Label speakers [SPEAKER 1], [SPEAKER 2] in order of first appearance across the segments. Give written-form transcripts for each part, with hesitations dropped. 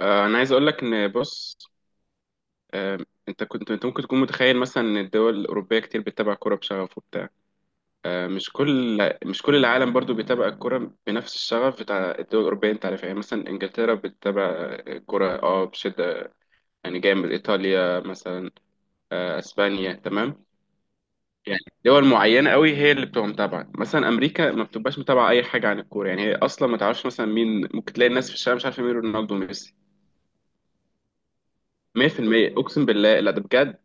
[SPEAKER 1] انا عايز اقول لك ان بص. آه، انت كنت ممكن تكون متخيل مثلا ان الدول الاوروبيه كتير بتتابع كوره بشغف وبتاع. آه، مش كل مش كل العالم برضو بيتابع الكوره بنفس الشغف بتاع الدول الاوروبيه، انت عارف؟ يعني مثلا انجلترا بتتابع الكوره اه بشده، يعني جامد. ايطاليا مثلا، اسبانيا، تمام. يعني دول معينه قوي هي اللي بتبقى متابعه. مثلا امريكا ما بتبقاش متابعه اي حاجه عن الكوره، يعني هي اصلا ما تعرفش. مثلا مين؟ ممكن تلاقي الناس في الشارع مش عارفه مين رونالدو وميسي. 100% اقسم بالله، لا ده بجد،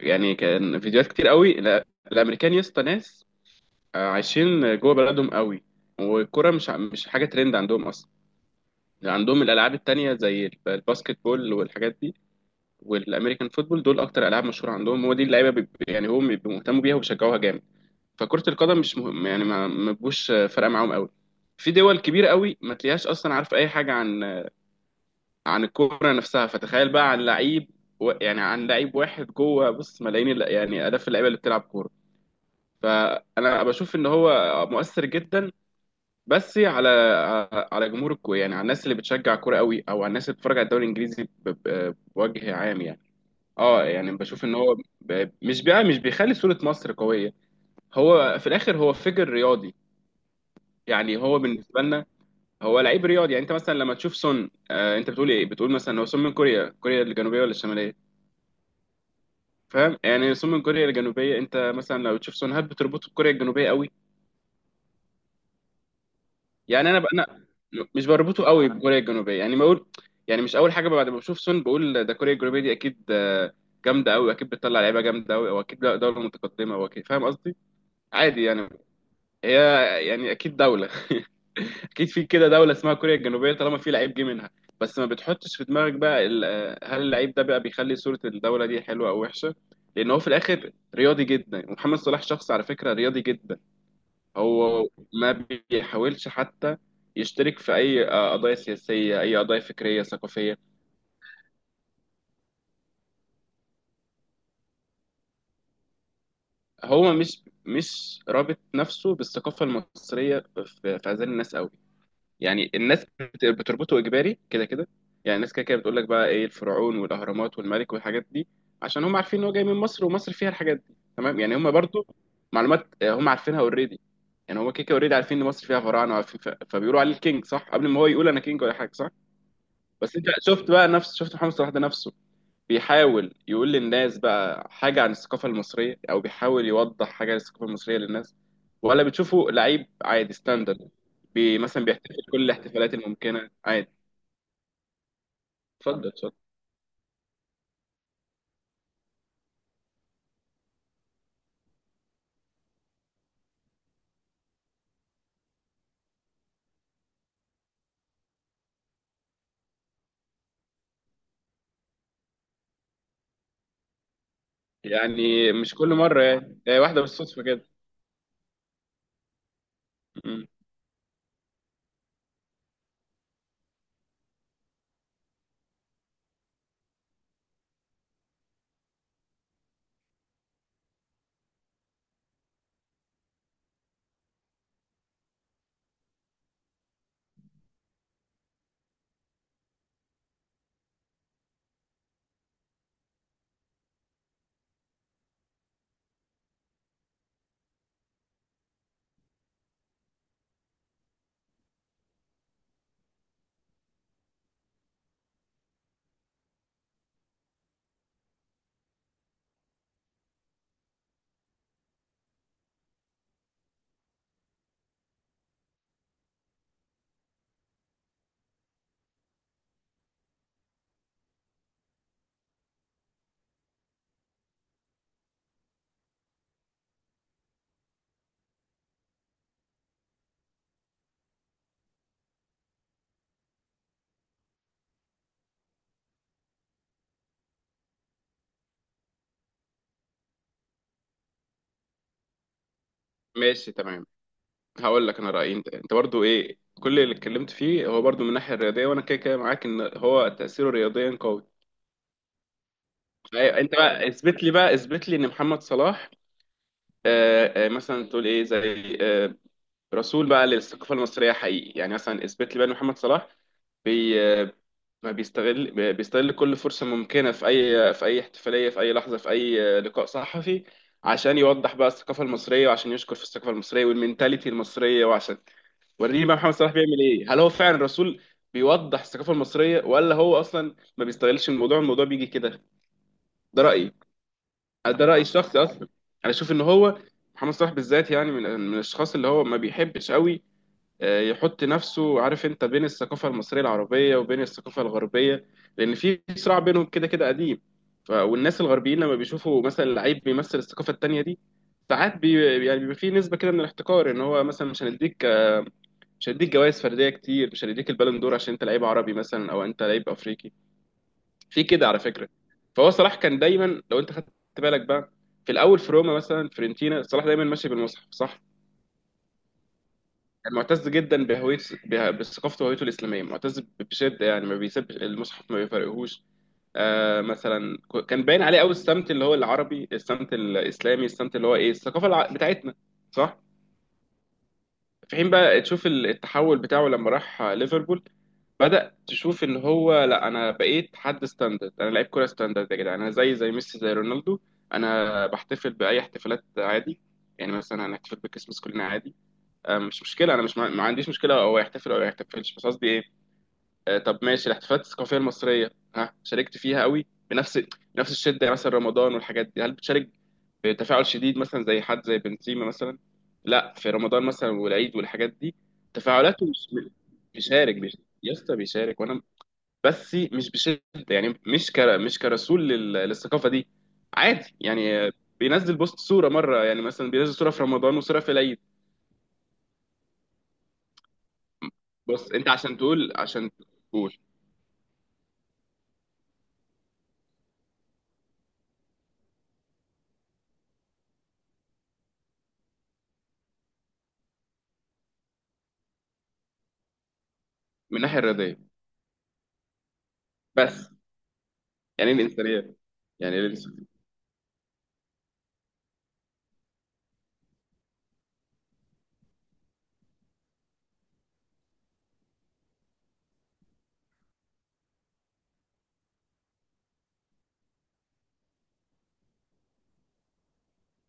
[SPEAKER 1] يعني كان فيديوهات كتير قوي. الامريكان يا اسطى ناس عايشين جوه بلدهم قوي، والكرة مش حاجه ترند عندهم اصلا. يعني عندهم الالعاب التانية زي الباسكت بول والحاجات دي، والامريكان فوتبول، دول اكتر العاب مشهوره عندهم، هو دي اللعيبه يعني هم بيبقوا مهتموا بيها وبيشجعوها جامد. فكره القدم مش مهم، يعني ما بيبقوش فارقه معاهم قوي. في دول كبيره قوي ما تلاقيهاش اصلا عارفه اي حاجه عن الكوره نفسها، فتخيل بقى عن لعيب، يعني عن لعيب واحد جوه. بص، ملايين يعني آلاف اللعيبه اللي بتلعب كوره، فانا بشوف ان هو مؤثر جدا بس على جمهور الكوره، يعني على الناس اللي بتشجع كوره قوي، او على الناس اللي بتتفرج على الدوري الانجليزي بوجه عام يعني. اه يعني بشوف ان هو مش بقى مش بيخلي صوره مصر قويه. هو في الاخر هو فيجر رياضي، يعني هو بالنسبه لنا هو لعيب رياضي. يعني انت مثلا لما تشوف سون، آه انت بتقول ايه؟ بتقول مثلا هو سون من كوريا، كوريا الجنوبيه ولا الشماليه؟ فاهم يعني؟ رسوم من كوريا الجنوبيه. انت مثلا لو تشوف سون هاب بتربطه بكوريا الجنوبيه قوي. يعني انا بقى انا مش بربطه قوي بكوريا الجنوبيه، يعني بقول، يعني مش اول حاجه بعد ما بشوف سون بقول ده كوريا الجنوبيه دي اكيد جامده قوي، اكيد بتطلع لعيبه جامده قوي، او اكيد دوله متقدمه، او اكيد فاهم قصدي؟ عادي يعني. هي يعني اكيد دوله اكيد في كده دوله اسمها كوريا الجنوبيه طالما في لعيب جه منها. بس ما بتحطش في دماغك بقى هل اللعيب ده بقى بيخلي صوره الدوله دي حلوه او وحشه؟ لان هو في الاخر رياضي جدا. محمد صلاح شخص على فكره رياضي جدا، هو ما بيحاولش حتى يشترك في اي قضايا سياسيه، اي قضايا فكريه ثقافيه. هو مش رابط نفسه بالثقافه المصريه في اذهان الناس قوي. يعني الناس بتربطه اجباري كده كده. يعني الناس كده كده بتقول لك بقى ايه، الفرعون والاهرامات والملك والحاجات دي، عشان هم عارفين ان هو جاي من مصر ومصر فيها الحاجات دي، تمام؟ يعني هم برضو معلومات هم عارفينها اوريدي. يعني هم كده كده اوريدي عارفين ان مصر فيها فراعنه وعارفين، ف... فبيقولوا عليه الكينج، صح؟ قبل ما هو يقول انا كينج ولا حاجه، صح. بس انت شفت بقى نفس، شفت محمد صلاح ده نفسه بيحاول يقول للناس بقى حاجة عن الثقافة المصرية، أو بيحاول يوضح حاجة عن الثقافة المصرية للناس، ولا بتشوفه لعيب عادي ستاندرد مثلا بيحتفل كل الاحتفالات الممكنة عادي؟ اتفضل اتفضل. يعني مش كل مرة، يعني هي واحدة بالصدفة كده. مم. ماشي تمام. هقول لك أنا رأيي، أنت أنت برضو إيه كل اللي اتكلمت فيه هو برضو من الناحية الرياضية، وأنا كده كده معاك إن هو تأثيره رياضيا قوي. أيوة، أنت بقى اثبت لي بقى، اثبت لي إن محمد صلاح مثلا تقول إيه زي رسول بقى للثقافه المصريه حقيقي. يعني مثلا اثبت لي بقى ان محمد صلاح بي ما بيستغل بيستغل كل فرصه ممكنه في اي، في اي احتفاليه، في اي لحظه، في اي لقاء صحفي، عشان يوضح بقى الثقافه المصريه، وعشان يشكر في الثقافه المصريه والمنتاليتي المصريه، وعشان، وريني بقى محمد صلاح بيعمل ايه. هل هو فعلا رسول بيوضح الثقافه المصريه، ولا هو اصلا ما بيستغلش الموضوع، الموضوع بيجي كده؟ ده رايي، ده رايي الشخصي اصلا. انا اشوف ان هو محمد صلاح بالذات يعني من الاشخاص اللي هو ما بيحبش قوي يحط نفسه، عارف انت، بين الثقافة المصرية العربية وبين الثقافة الغربية، لأن في صراع بينهم كده كده قديم. والناس الغربيين لما بيشوفوا مثلا لعيب بيمثل الثقافة التانية دي، ساعات يعني بيبقى في نسبة كده من الاحتكار، ان هو مثلا مش هنديك مش هنديك جوائز فردية كتير، مش هنديك البالون دور، عشان انت لعيب عربي مثلا، او انت لعيب افريقي. في كده على فكرة. فهو صلاح كان دايما، لو انت خدت بالك بقى، في الاول في روما مثلا، فيورنتينا، صلاح دايما ماشي بالمصحف، صح؟ معتز جدا بهويته، بثقافته وهويته الاسلاميه، معتز بشده، يعني ما بيسيبش المصحف ما بيفرقهوش. آه مثلا كان باين عليه قوي السمت اللي هو العربي، السمت الاسلامي، السمت اللي هو ايه، الثقافه الع... بتاعتنا، صح؟ في حين بقى تشوف التحول بتاعه لما راح ليفربول، بدأ تشوف ان هو لا، انا بقيت حد ستاندرد، انا لعيب كوره ستاندرد يا جدعان، انا زي، ميسي، زي رونالدو، انا بحتفل باي احتفالات عادي. يعني مثلا هنحتفل بكريسماس كلنا عادي، مش مشكله. انا مش ما عنديش مشكله هو يحتفل او ما يحتفلش، بس قصدي ايه، طب ماشي الاحتفالات الثقافيه المصريه ها شاركت فيها قوي بنفس، بنفس الشده؟ يعني مثلا رمضان والحاجات دي هل بتشارك بتفاعل شديد مثلا زي حد زي بنزيما مثلا، لا، في رمضان مثلا والعيد والحاجات دي؟ تفاعلاته مش، بيشارك، يا اسطى بيشارك، وانا، بس مش بشده. يعني مش كر... مش كرسول لل... للثقافه دي، عادي يعني، بينزل بوست، صوره مره، يعني مثلا بينزل صوره في رمضان وصوره في العيد. بص انت عشان تقول، عشان تقول من الناحيه الرياضيه بس. يعني ايه الانسانيه؟ يعني ايه الانسان؟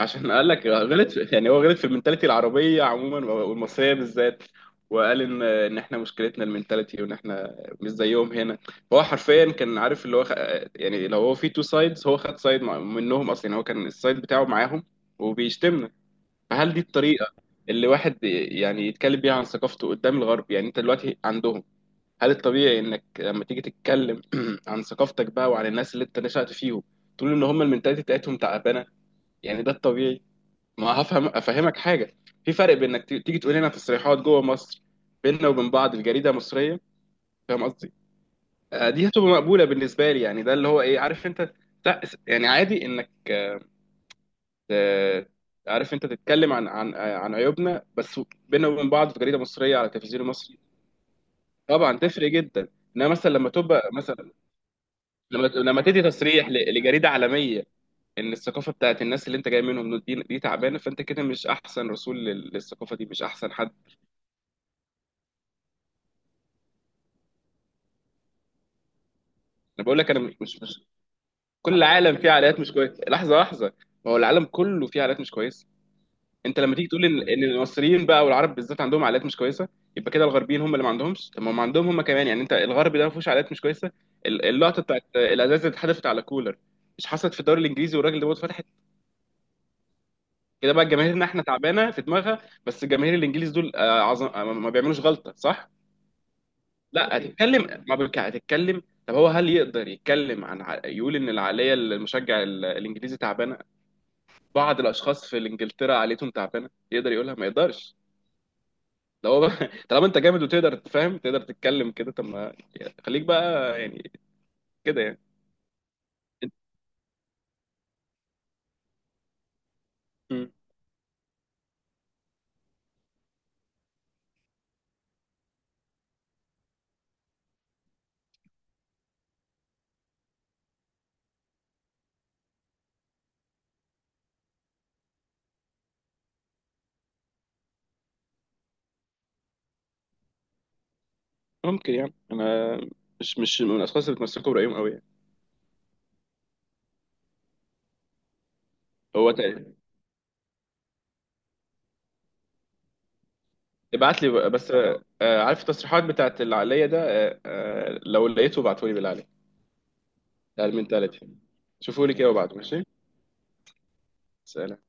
[SPEAKER 1] عشان قال لك غلط في، يعني هو غلط في المنتاليتي العربيه عموما والمصريه بالذات، وقال ان احنا مشكلتنا المنتاليتي، وان احنا مش زيهم هنا. فهو حرفيا كان عارف اللي هو خ... يعني لو هو في تو سايدز هو خد سايد منهم اصلا، يعني هو كان السايد بتاعه معاهم وبيشتمنا. فهل دي الطريقه اللي واحد يعني يتكلم بيها عن ثقافته قدام الغرب؟ يعني انت دلوقتي عندهم، هل الطبيعي انك لما تيجي تتكلم عن ثقافتك بقى وعن الناس اللي انت نشأت فيهم تقول ان هم المنتاليتي بتاعتهم تعبانه؟ يعني ده الطبيعي؟ ما هفهم افهمك حاجه، في فرق بين انك تيجي تقول لنا تصريحات جوه مصر بيننا وبين بعض، الجريده مصريه، فاهم قصدي؟ دي هتبقى مقبوله بالنسبه لي، يعني ده اللي هو ايه، عارف انت، تع- يعني عادي انك آه، عارف انت تتكلم عن عن عيوبنا بس بيننا وبين بعض في جريده مصريه على تلفزيون مصري. طبعا تفرق جدا، انما مثلا لما تبقى مثلا، لما تدي تصريح لجريده عالميه ان الثقافه بتاعت الناس اللي انت جاي منهم دول دي تعبانه، فانت كده مش احسن رسول للثقافه دي، مش احسن حد. انا بقول لك انا مش كل العالم فيه عائلات مش كويسه، لحظه لحظه، ما هو العالم كله فيه عائلات مش كويسه. انت لما تيجي تقول ان المصريين بقى والعرب بالذات عندهم عائلات مش كويسه، يبقى كده الغربيين هم اللي ما عندهمش؟ طب ما هم عندهم هم كمان، يعني انت الغرب ده ما فيهوش عائلات مش كويسه؟ اللقطه بتاعت الازاز اللي اتحدفت على كولر مش حصلت في الدوري الانجليزي والراجل ده فتح؟ كده بقى جماهيرنا احنا تعبانه في دماغها، بس جماهير الانجليز دول عظم، ما بيعملوش غلطه؟ صح؟ لا هتتكلم ما بك... هتتكلم. طب هو هل يقدر يتكلم عن يقول ان العقليه المشجع الانجليزي تعبانه، بعض الاشخاص في انجلترا عقليتهم تعبانه، يقدر يقولها؟ ما يقدرش. لو هو بقى- طالما انت جامد وتقدر تفهم تقدر تتكلم كده، طب ما خليك بقى يعني، كده يعني. مم. ممكن يعني. انا مش، مش من الاشخاص اللي بتمسكوا برايهم قوي يعني. هو ابعت لي بقى، بس عارف التصريحات بتاعت العقلية ده، لو لقيته ابعته لي بالله عليك، بتاع المنتاليتي، شوفوا لي كده وابعته، ماشي؟ سلام.